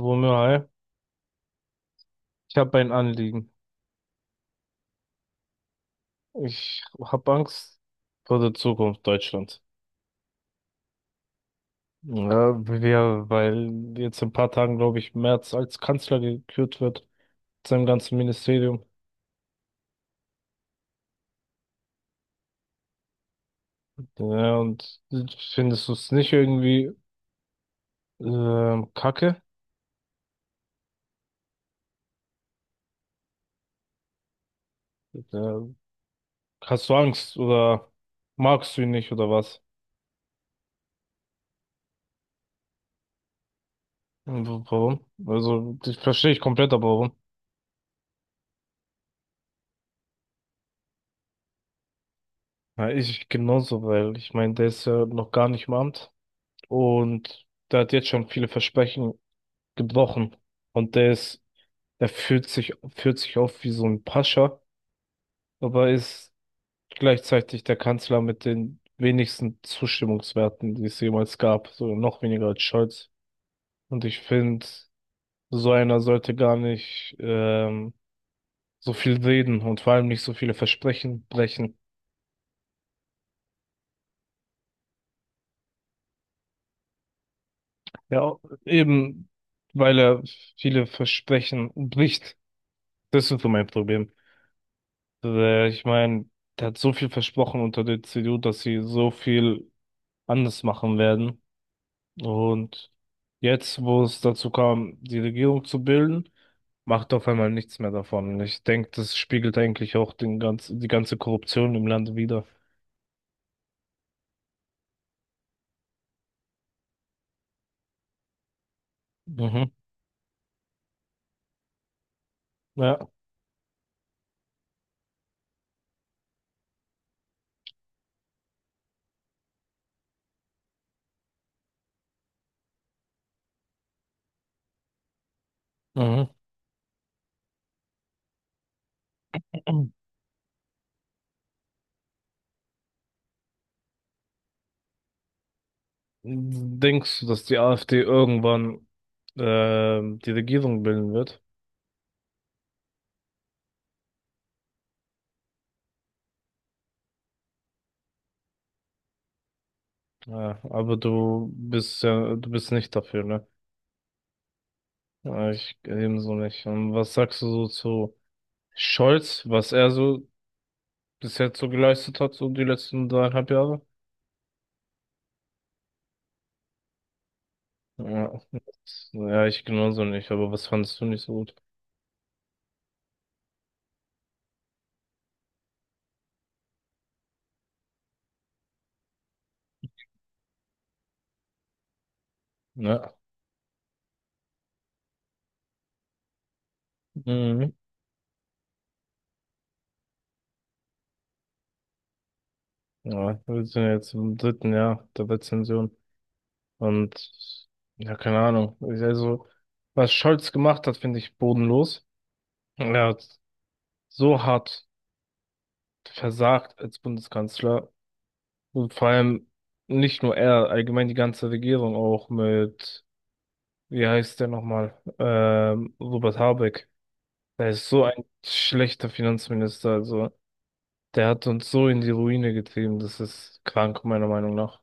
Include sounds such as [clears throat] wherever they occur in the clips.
Wumme, hi. Ich habe ein Anliegen. Ich habe Angst vor der Zukunft Deutschlands. Ja, weil jetzt in ein paar Tagen, glaube ich, Merz als Kanzler gekürt wird, mit seinem ganzen Ministerium. Ja, und findest du es nicht irgendwie kacke? Ja, hast du Angst oder magst du ihn nicht oder was? Warum? Also, das verstehe ich komplett, aber warum? Ja, ich genauso, weil ich meine, der ist ja noch gar nicht im Amt. Und der hat jetzt schon viele Versprechen gebrochen. Und der führt sich auf wie so ein Pascha, aber ist gleichzeitig der Kanzler mit den wenigsten Zustimmungswerten, die es jemals gab. So noch weniger als Scholz. Und ich finde, so einer sollte gar nicht so viel reden und vor allem nicht so viele Versprechen brechen. Ja, eben weil er viele Versprechen bricht. Das ist so mein Problem. Ich meine, der hat so viel versprochen unter der CDU, dass sie so viel anders machen werden. Und jetzt, wo es dazu kam, die Regierung zu bilden, macht auf einmal nichts mehr davon. Und ich denke, das spiegelt eigentlich auch die ganze Korruption im Land wider. Mhm. Ja. Mhm. Denkst du, dass die AfD irgendwann die Regierung bilden wird? Ja, aber du bist nicht dafür, ne? Ja, ich ebenso nicht. Und was sagst du so zu Scholz, was er so bis jetzt so geleistet hat, so die letzten 3,5 Jahre? Ja, ja, ich genauso nicht, aber was fandest du nicht so gut? Ja, mhm. Ja, wir sind ja jetzt im dritten Jahr der Rezension und ja, keine Ahnung. Also, was Scholz gemacht hat, finde ich bodenlos. Er hat so hart versagt als Bundeskanzler. Und vor allem nicht nur er, allgemein die ganze Regierung auch mit, wie heißt der nochmal, Robert Habeck. Der ist so ein schlechter Finanzminister, also der hat uns so in die Ruine getrieben, das ist krank, meiner Meinung nach.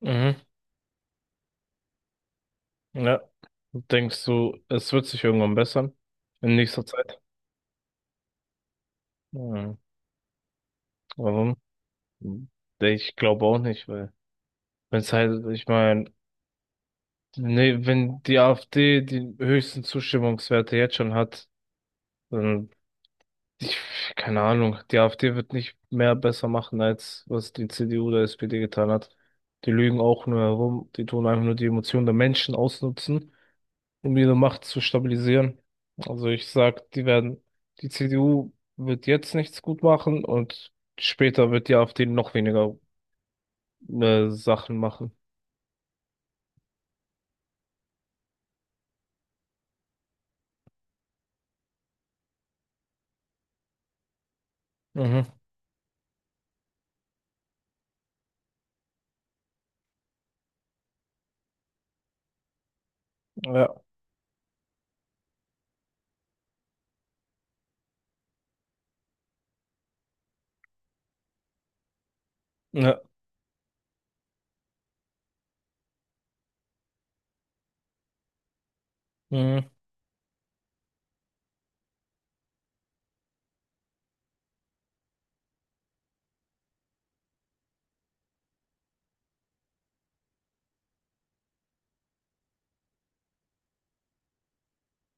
Mhm. Ja, denkst du, es wird sich irgendwann bessern in nächster Zeit? Hm. Warum? Nee, ich glaube auch nicht, weil wenn es halt, ich meine, nee, wenn die AfD die höchsten Zustimmungswerte jetzt schon hat, dann Ich, keine Ahnung, die AfD wird nicht mehr besser machen, als was die CDU oder SPD getan hat. Die lügen auch nur herum, die tun einfach nur die Emotionen der Menschen ausnutzen, um ihre Macht zu stabilisieren. Also ich sag, die CDU wird jetzt nichts gut machen und später wird die AfD noch weniger Sachen machen. Mhm. Ja, ja, mhm.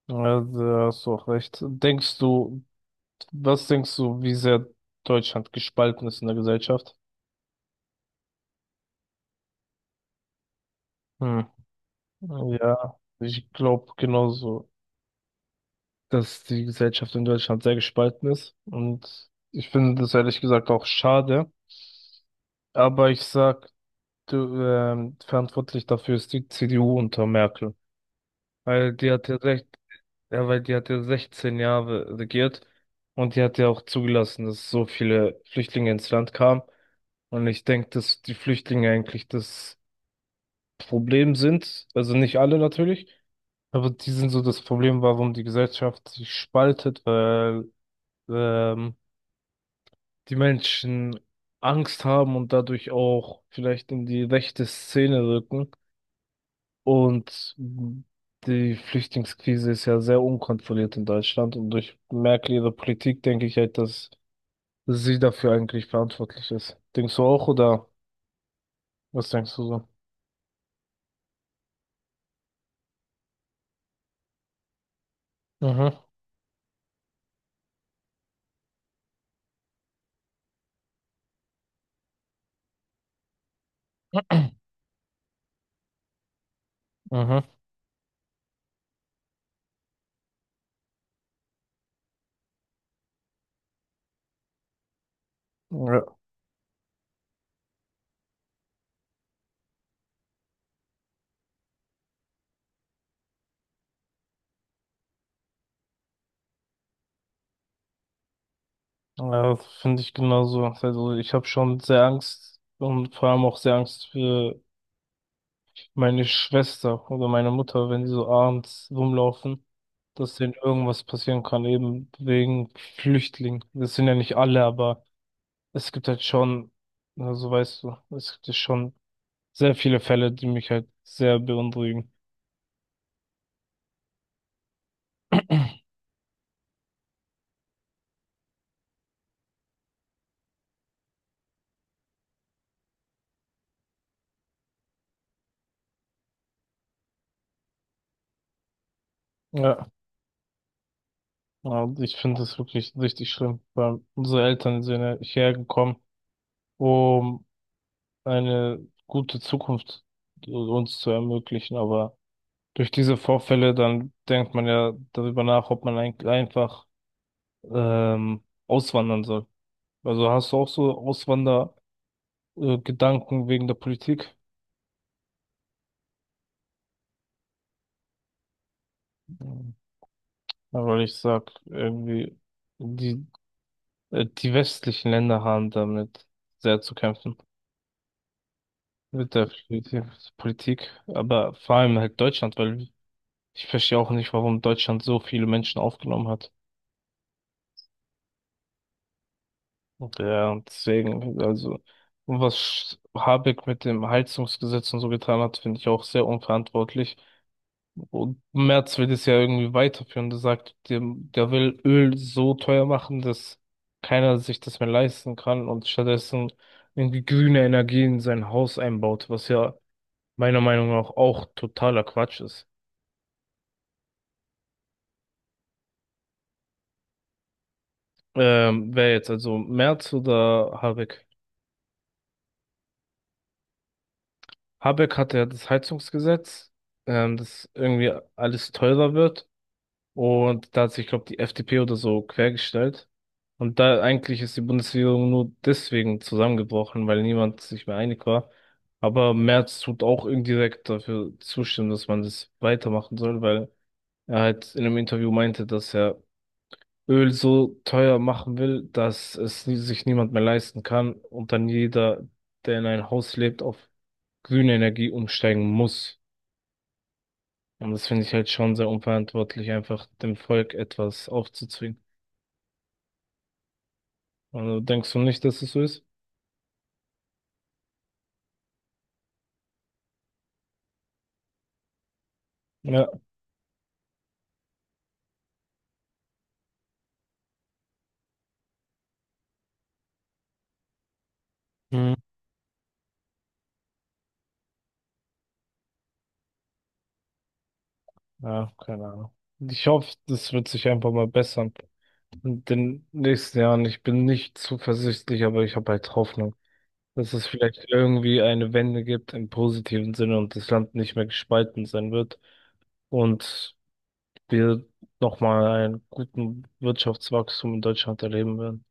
Ja, da hast du auch recht. Was denkst du, wie sehr Deutschland gespalten ist in der Gesellschaft? Hm. Ja, ich glaube genauso, dass die Gesellschaft in Deutschland sehr gespalten ist. Und ich finde das ehrlich gesagt auch schade. Aber ich sag, du, verantwortlich dafür ist die CDU unter Merkel. Weil die hat ja recht, ja, weil die hat ja 16 Jahre regiert und die hat ja auch zugelassen, dass so viele Flüchtlinge ins Land kamen. Und ich denke, dass die Flüchtlinge eigentlich das Problem sind. Also nicht alle natürlich. Aber die sind so das Problem, warum die Gesellschaft sich spaltet, weil ähm, die Menschen Angst haben und dadurch auch vielleicht in die rechte Szene rücken. Und die Flüchtlingskrise ist ja sehr unkontrolliert in Deutschland. Und durch Merkel ihre Politik denke ich halt, dass sie dafür eigentlich verantwortlich ist. Denkst du auch oder was denkst du so? Mhm, mhm. Ja, finde ich genauso. Also ich habe schon sehr Angst und vor allem auch sehr Angst für meine Schwester oder meine Mutter, wenn die so abends rumlaufen, dass denen irgendwas passieren kann, eben wegen Flüchtlingen. Das sind ja nicht alle, aber es gibt halt schon, also weißt du, es gibt ja schon sehr viele Fälle, die mich halt sehr beunruhigen. Ja, und ich finde das wirklich richtig schlimm, weil unsere Eltern sind ja hierher gekommen, um eine gute Zukunft uns zu ermöglichen. Aber durch diese Vorfälle, dann denkt man ja darüber nach, ob man einfach auswandern soll. Also hast du auch so Auswander-Gedanken wegen der Politik? Mhm. Ja, weil ich sag, irgendwie, die, die westlichen Länder haben damit sehr zu kämpfen. Mit der Politik, Politik. Aber vor allem halt Deutschland, weil ich verstehe auch nicht, warum Deutschland so viele Menschen aufgenommen hat. Ja, und deswegen, also, was Habeck mit dem Heizungsgesetz und so getan hat, finde ich auch sehr unverantwortlich. Und Merz will das ja irgendwie weiterführen. Der sagt, der will Öl so teuer machen, dass keiner sich das mehr leisten kann und stattdessen irgendwie grüne Energie in sein Haus einbaut, was ja meiner Meinung nach auch totaler Quatsch ist. Wer jetzt, also Merz oder Habeck? Habeck hatte ja das Heizungsgesetz, dass irgendwie alles teurer wird. Und da hat sich, glaube ich, die FDP oder so quergestellt. Und da eigentlich ist die Bundesregierung nur deswegen zusammengebrochen, weil niemand sich mehr einig war. Aber Merz tut auch indirekt dafür zustimmen, dass man das weitermachen soll, weil er halt in einem Interview meinte, dass er Öl so teuer machen will, dass es sich niemand mehr leisten kann und dann jeder, der in ein Haus lebt, auf grüne Energie umsteigen muss. Und das finde ich halt schon sehr unverantwortlich, einfach dem Volk etwas aufzuzwingen. Also denkst du nicht, dass es so ist? Ja. Mhm. Ja, keine Ahnung. Ich hoffe, das wird sich einfach mal bessern in den nächsten Jahren. Ich bin nicht zuversichtlich, aber ich habe halt Hoffnung, dass es vielleicht irgendwie eine Wende gibt im positiven Sinne und das Land nicht mehr gespalten sein wird und wir nochmal einen guten Wirtschaftswachstum in Deutschland erleben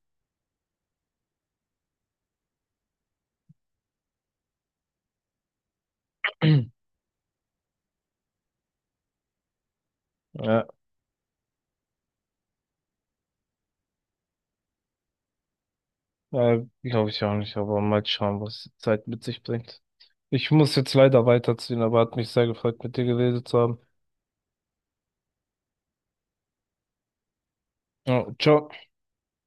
werden. [clears throat] Ja. Glaube ich auch nicht, aber mal schauen, was die Zeit mit sich bringt. Ich muss jetzt leider weiterziehen, aber hat mich sehr gefreut, mit dir geredet zu haben. Ja, ciao.